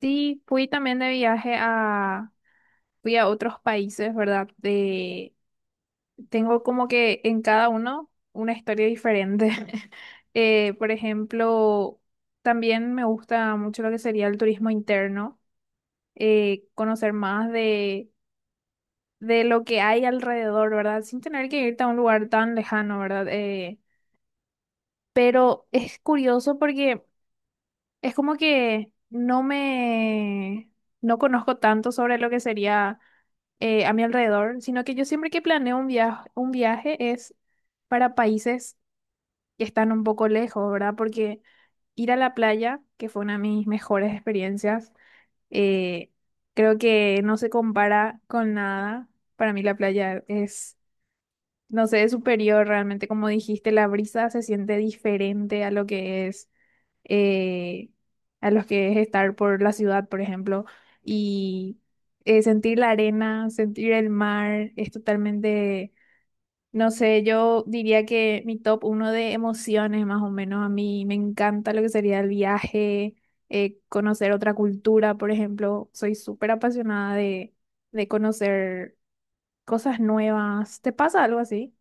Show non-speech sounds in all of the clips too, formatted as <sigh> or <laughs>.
Sí, fui también de viaje a, fui a otros países, ¿verdad? De, tengo como que en cada uno una historia diferente. <laughs> Por ejemplo, también me gusta mucho lo que sería el turismo interno, conocer más de lo que hay alrededor, ¿verdad? Sin tener que irte a un lugar tan lejano, ¿verdad? Pero es curioso porque... Es como que no conozco tanto sobre lo que sería a mi alrededor, sino que yo siempre que planeo un viaje es para países que están un poco lejos, ¿verdad? Porque ir a la playa, que fue una de mis mejores experiencias, eh, creo que no se compara con nada. Para mí la playa es, no sé, es superior realmente, como dijiste, la brisa se siente diferente a lo que es eh, a los que es estar por la ciudad, por ejemplo, y sentir la arena, sentir el mar, es totalmente, no sé, yo diría que mi top uno de emociones, más o menos. A mí me encanta lo que sería el viaje, conocer otra cultura, por ejemplo. Soy súper apasionada de conocer cosas nuevas. ¿Te pasa algo así?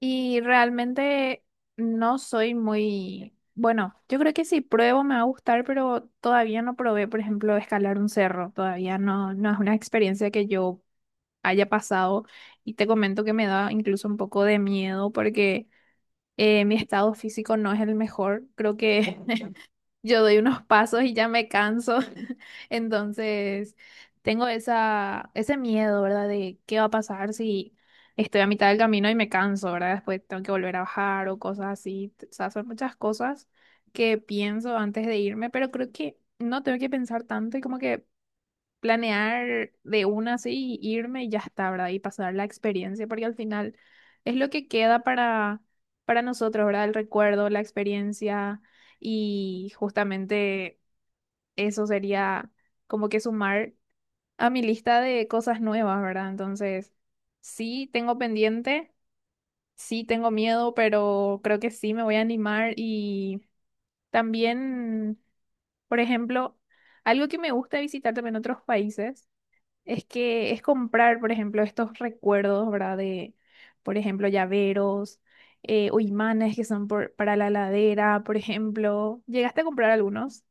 Y realmente no soy muy, bueno, yo creo que si pruebo me va a gustar, pero todavía no probé, por ejemplo, escalar un cerro. Todavía no, no es una experiencia que yo haya pasado. Y te comento que me da incluso un poco de miedo porque mi estado físico no es el mejor. Creo que <laughs> yo doy unos pasos y ya me canso. <laughs> Entonces, tengo esa, ese miedo, ¿verdad? De qué va a pasar si estoy a mitad del camino y me canso, ¿verdad? Después tengo que volver a bajar o cosas así. O sea, son muchas cosas que pienso antes de irme, pero creo que no tengo que pensar tanto y como que planear de una así, irme y ya está, ¿verdad? Y pasar la experiencia, porque al final es lo que queda para nosotros, ¿verdad? El recuerdo, la experiencia y justamente eso sería como que sumar a mi lista de cosas nuevas, ¿verdad? Entonces, sí tengo pendiente, sí tengo miedo, pero creo que sí me voy a animar. Y también, por ejemplo, algo que me gusta visitar también en otros países es que es comprar, por ejemplo, estos recuerdos, ¿verdad? De, por ejemplo, llaveros o imanes que son por- para la ladera, por ejemplo. ¿Llegaste a comprar algunos?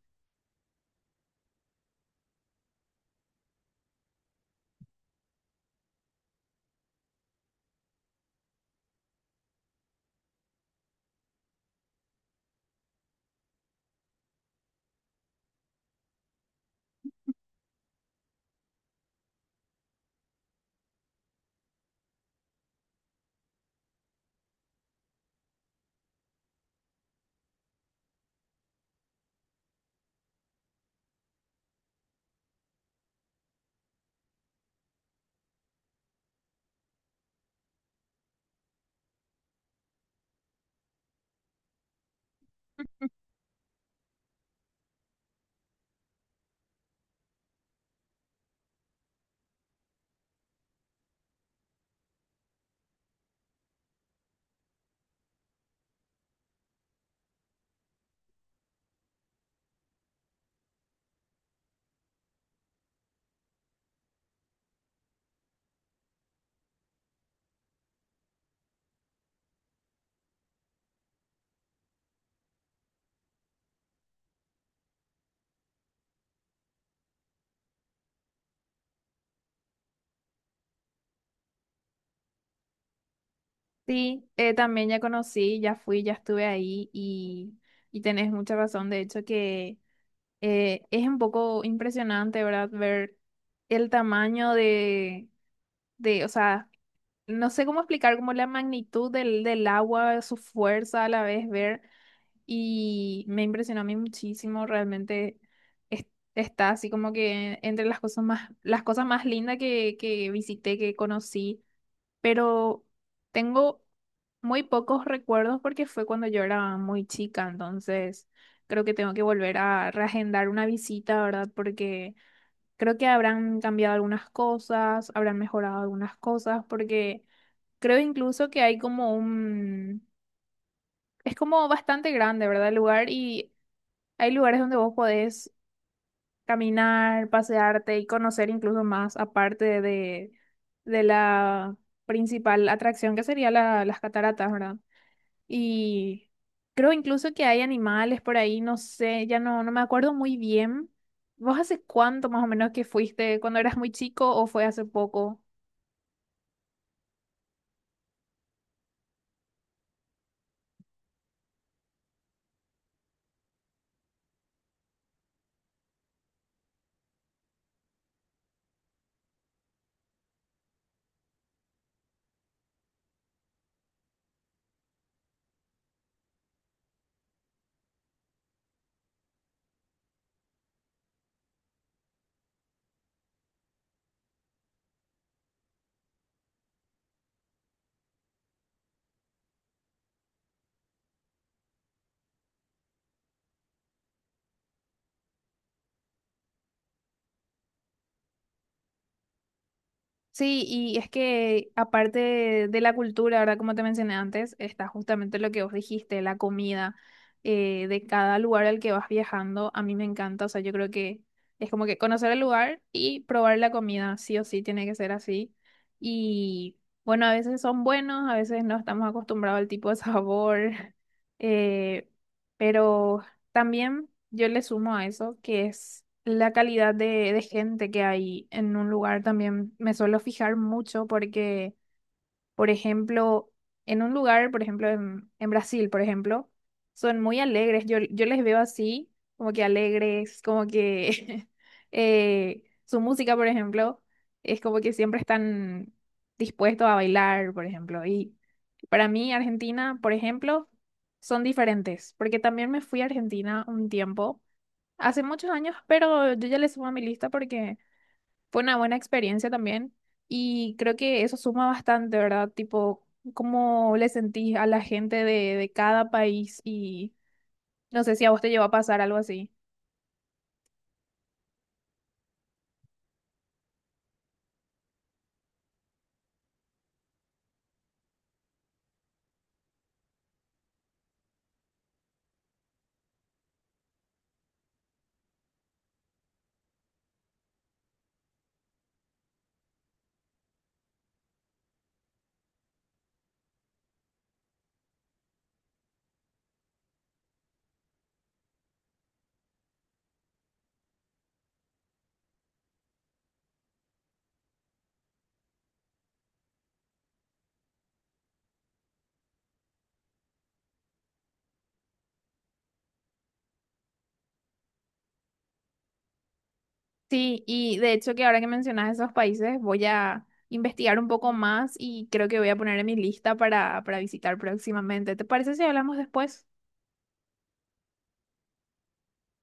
<laughs> Sí, también ya conocí, ya fui, ya estuve ahí y tenés mucha razón. De hecho, que es un poco impresionante, ¿verdad? Ver el tamaño de, o sea, no sé cómo explicar como la magnitud del, del agua, su fuerza a la vez, ver. Y me impresionó a mí muchísimo, realmente es- está así como que entre las cosas más lindas que visité, que conocí, pero tengo muy pocos recuerdos porque fue cuando yo era muy chica. Entonces creo que tengo que volver a reagendar una visita, ¿verdad? Porque creo que habrán cambiado algunas cosas, habrán mejorado algunas cosas, porque creo incluso que hay como un... Es como bastante grande, ¿verdad? El lugar, y hay lugares donde vos podés caminar, pasearte y conocer incluso más, aparte de la principal atracción que sería la- las cataratas, ¿verdad? Y creo incluso que hay animales por ahí, no sé, ya no, no me acuerdo muy bien. ¿Vos hace cuánto más o menos que fuiste? ¿Cuando eras muy chico o fue hace poco? Sí, y es que aparte de la cultura, ¿verdad? Como te mencioné antes, está justamente lo que vos dijiste, la comida de cada lugar al que vas viajando. A mí me encanta, o sea, yo creo que es como que conocer el lugar y probar la comida, sí o sí, tiene que ser así. Y bueno, a veces son buenos, a veces no estamos acostumbrados al tipo de sabor, <laughs> eh, pero también yo le sumo a eso que es la calidad de gente que hay en un lugar. También me suelo fijar mucho porque por ejemplo, en un lugar, por ejemplo, en Brasil, por ejemplo, son muy alegres. Yo les veo así, como que alegres, como que <laughs> su música, por ejemplo, es como que siempre están dispuestos a bailar, por ejemplo. Y para mí, Argentina, por ejemplo, son diferentes, porque también me fui a Argentina un tiempo, hace muchos años, pero yo ya le subo a mi lista porque... Fue una buena experiencia también y creo que eso suma bastante, ¿verdad? Tipo, cómo le sentís a la gente de cada país y no sé si a vos te llevó a pasar algo así. Sí, y de hecho que ahora que mencionas esos países voy a investigar un poco más y creo que voy a poner en mi lista para visitar próximamente. ¿Te parece si hablamos después?